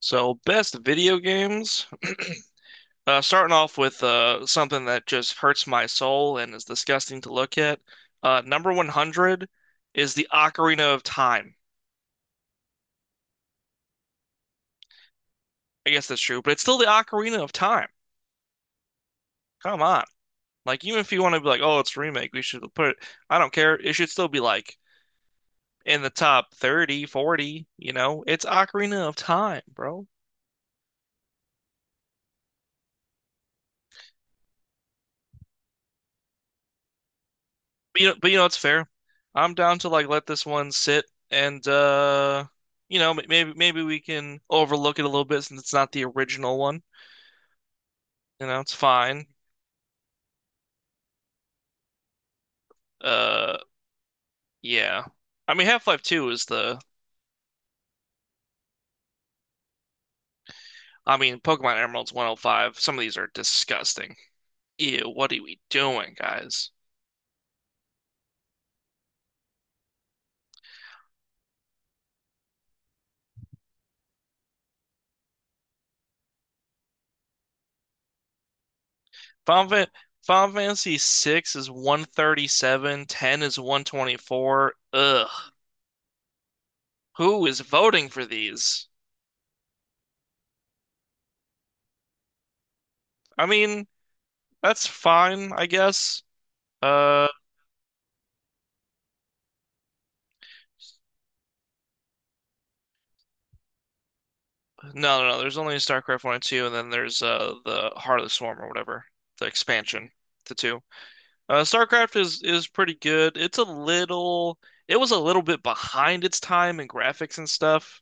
So, best video games. Starting off with something that just hurts my soul and is disgusting to look at. Number 100 is the Ocarina of Time. I guess that's true, but it's still the Ocarina of Time. Come on. Like, even if you want to be like, oh, it's a remake, we should put it, I don't care. It should still be like in the top 30, 40, you know? It's Ocarina of Time, bro. It's fair. I'm down to like let this one sit and maybe we can overlook it a little bit since it's not the original one. It's fine. Uh yeah. I mean Half-Life 2 is the, I mean Pokemon Emeralds 105. Some of these are disgusting. Ew, what are we doing, guys? Final, Fan- Final Fantasy 6 is 137, 10 is 124. Ugh. Who is voting for these? I mean, that's fine, I guess. Uh, no, no, no. There's only StarCraft one and two, and then there's the Heart of the Swarm or whatever, the expansion to two. StarCraft is pretty good. It was a little bit behind its time in graphics and stuff.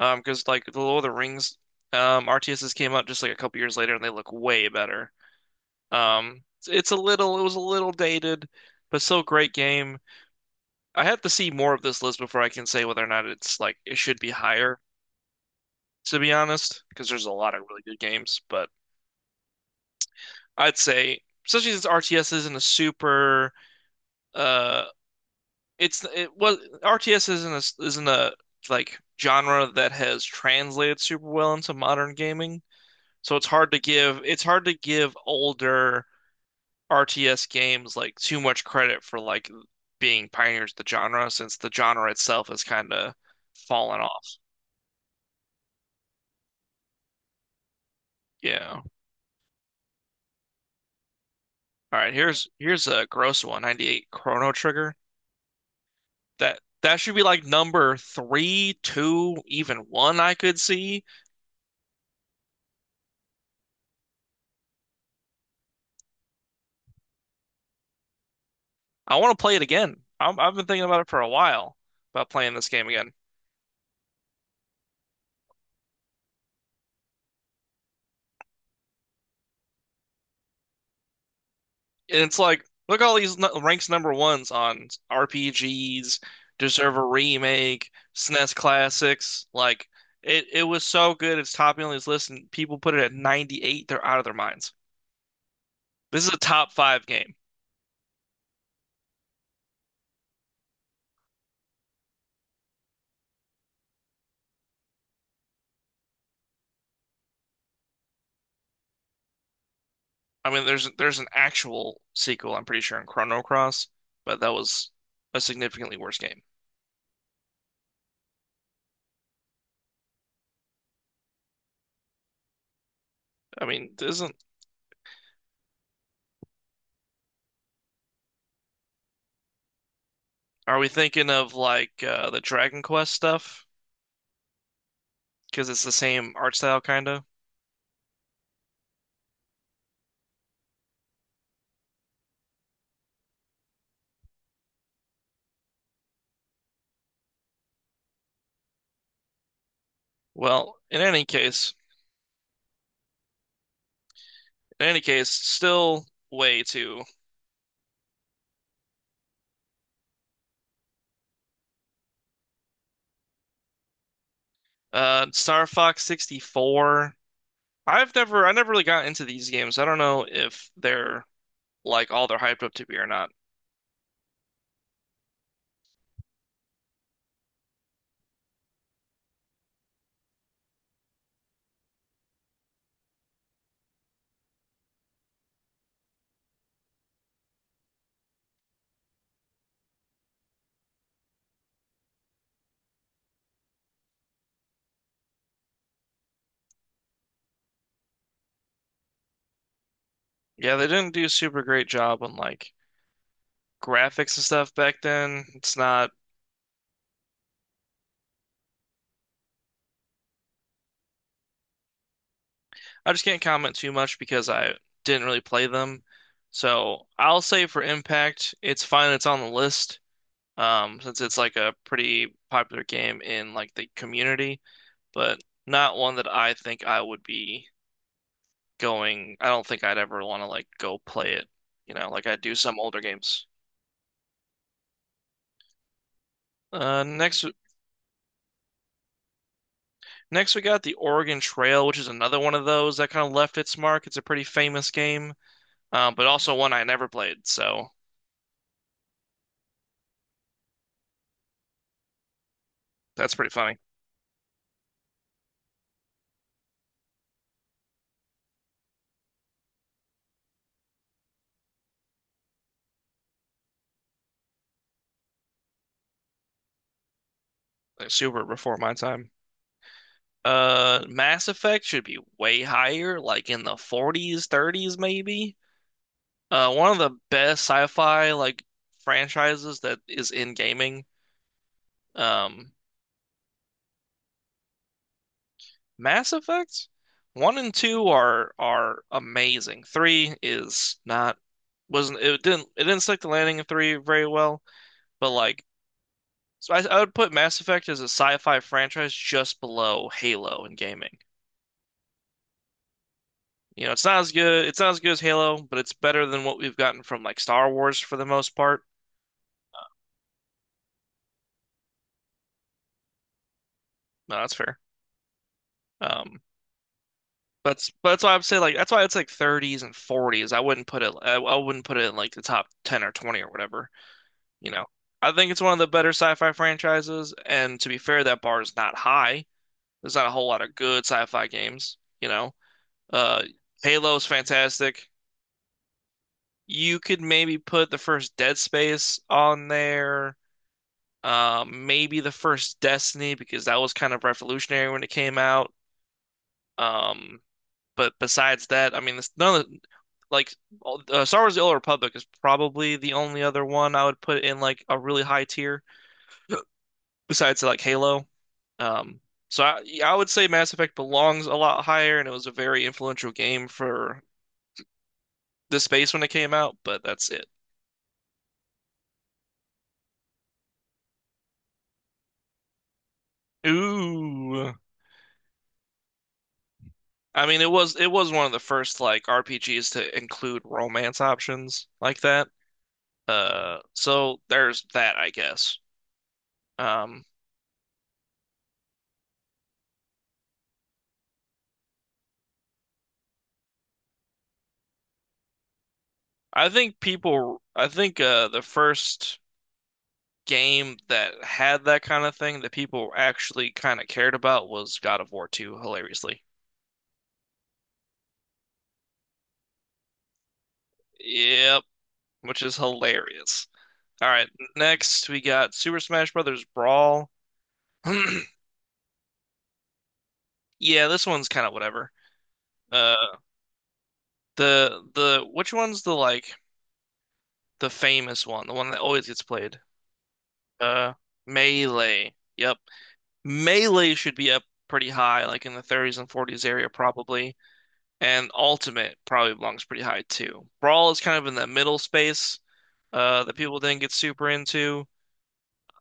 Because like the Lord of the Rings, RTSs came out just like a couple years later, and they look way better. It's a little, it was a little dated, but still a great game. I have to see more of this list before I can say whether or not it's like it should be higher, to be honest, because there's a lot of really good games. But I'd say, especially since RTS isn't a super, uh, it was RTS isn't a like genre that has translated super well into modern gaming. So it's hard to give older RTS games like too much credit for like being pioneers of the genre since the genre itself has kind of fallen off. Yeah. All right, here's a gross one, 98 Chrono Trigger. That should be like number three, two, even one I could see. I want to play it again. I've been thinking about it for a while about playing this game again. And it's like, look at all these ranks number ones on RPGs, deserve a remake, SNES classics. Like it was so good. It's topping on this list, and people put it at 98. They're out of their minds. This is a top five game. I mean, there's an actual sequel, I'm pretty sure, in Chrono Cross, but that was a significantly worse game. I mean, isn't are we thinking of like the Dragon Quest stuff? Because it's the same art style, kind of. Well, in any case, still way too. Star Fox 64. I never really got into these games. I don't know if they're like all they're hyped up to be or not. Yeah, they didn't do a super great job on like graphics and stuff back then. It's not. I just can't comment too much because I didn't really play them. So I'll say for Impact, it's fine. It's on the list, since it's like a pretty popular game in like the community, but not one that I think I would be going. I don't think I'd ever want to like go play it, like I do some older games. Uh, next, next we got the Oregon Trail, which is another one of those that kind of left its mark. It's a pretty famous game, but also one I never played, so that's pretty funny. Like super before my time. Mass Effect should be way higher, like in the 40s, 30s maybe. One of the best sci-fi like franchises that is in gaming. Um, Mass Effect one and two are amazing. Three is not wasn't it didn't stick the landing in three very well, but like so I would put Mass Effect as a sci-fi franchise just below Halo in gaming. It's not as good. It's not as good as Halo, but it's better than what we've gotten from like Star Wars for the most part. No, that's fair. Um, that's why I'd say like that's why it's like 30s and 40s. I wouldn't put it. I wouldn't put it in like the top 10 or 20 or whatever. You know, I think it's one of the better sci-fi franchises. And to be fair, that bar is not high. There's not a whole lot of good sci-fi games. Uh, Halo's fantastic. You could maybe put the first Dead Space on there. Maybe the first Destiny because that was kind of revolutionary when it came out. Um, but besides that, I mean, this, none of the, like all- Star Wars: The Old Republic is probably the only other one I would put in like a really high tier besides like Halo. Um, so I would say Mass Effect belongs a lot higher, and it was a very influential game for the space when it came out. But that's it. Ooh. I mean, it was one of the first like RPGs to include romance options like that. So there's that, I guess. Um, I think the first game that had that kind of thing that people actually kind of cared about was God of War 2, hilariously. Yep, which is hilarious. All right, next we got Super Smash Brothers Brawl. Yeah, this one's kind of whatever. Uh, the which one's the, like, the famous one, the one that always gets played? Uh, Melee. Yep, Melee should be up pretty high, like in the 30s and 40s area probably. And Ultimate probably belongs pretty high too. Brawl is kind of in that middle space, that people didn't get super into.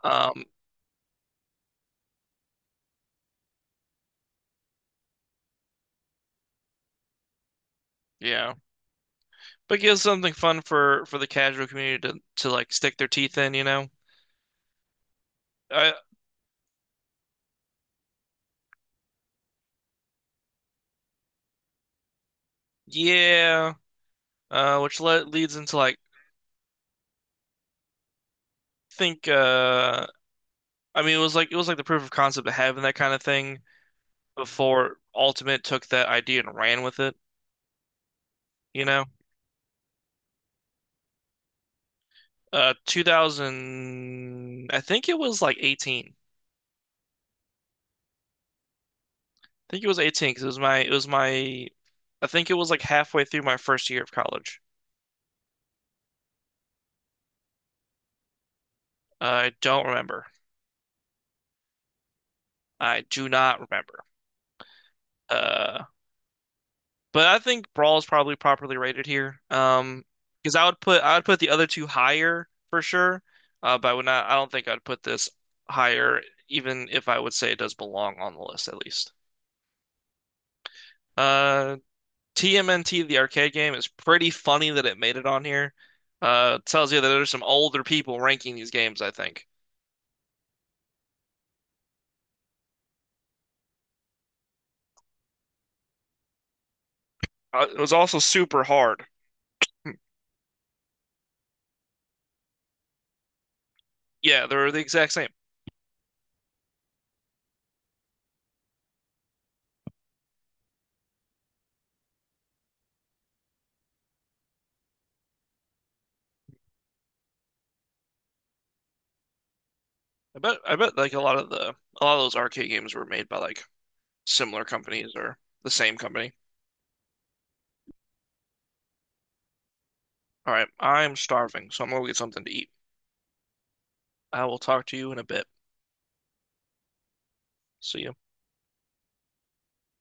Um, yeah, but gives something fun for the casual community to like stick their teeth in, you know? Uh, yeah, which le leads into like I think I mean it was like the proof of concept of having that kind of thing before Ultimate took that idea and ran with it, you know? 2000, I think it was like 18. I think it was 18 because I think it was like halfway through my first year of college. I don't remember. I do not remember. Uh, but I think Brawl is probably properly rated here. Because I would put the other two higher for sure. But I would not, I don't think I'd put this higher, even if I would say it does belong on the list at least. Uh, TMNT, the arcade game, is pretty funny that it made it on here. It tells you that there's some older people ranking these games, I think. It was also super hard. Yeah, they were the exact same. I bet like a lot of those arcade games were made by like similar companies or the same company. All right, I'm starving, so I'm gonna go get something to eat. I will talk to you in a bit. See you.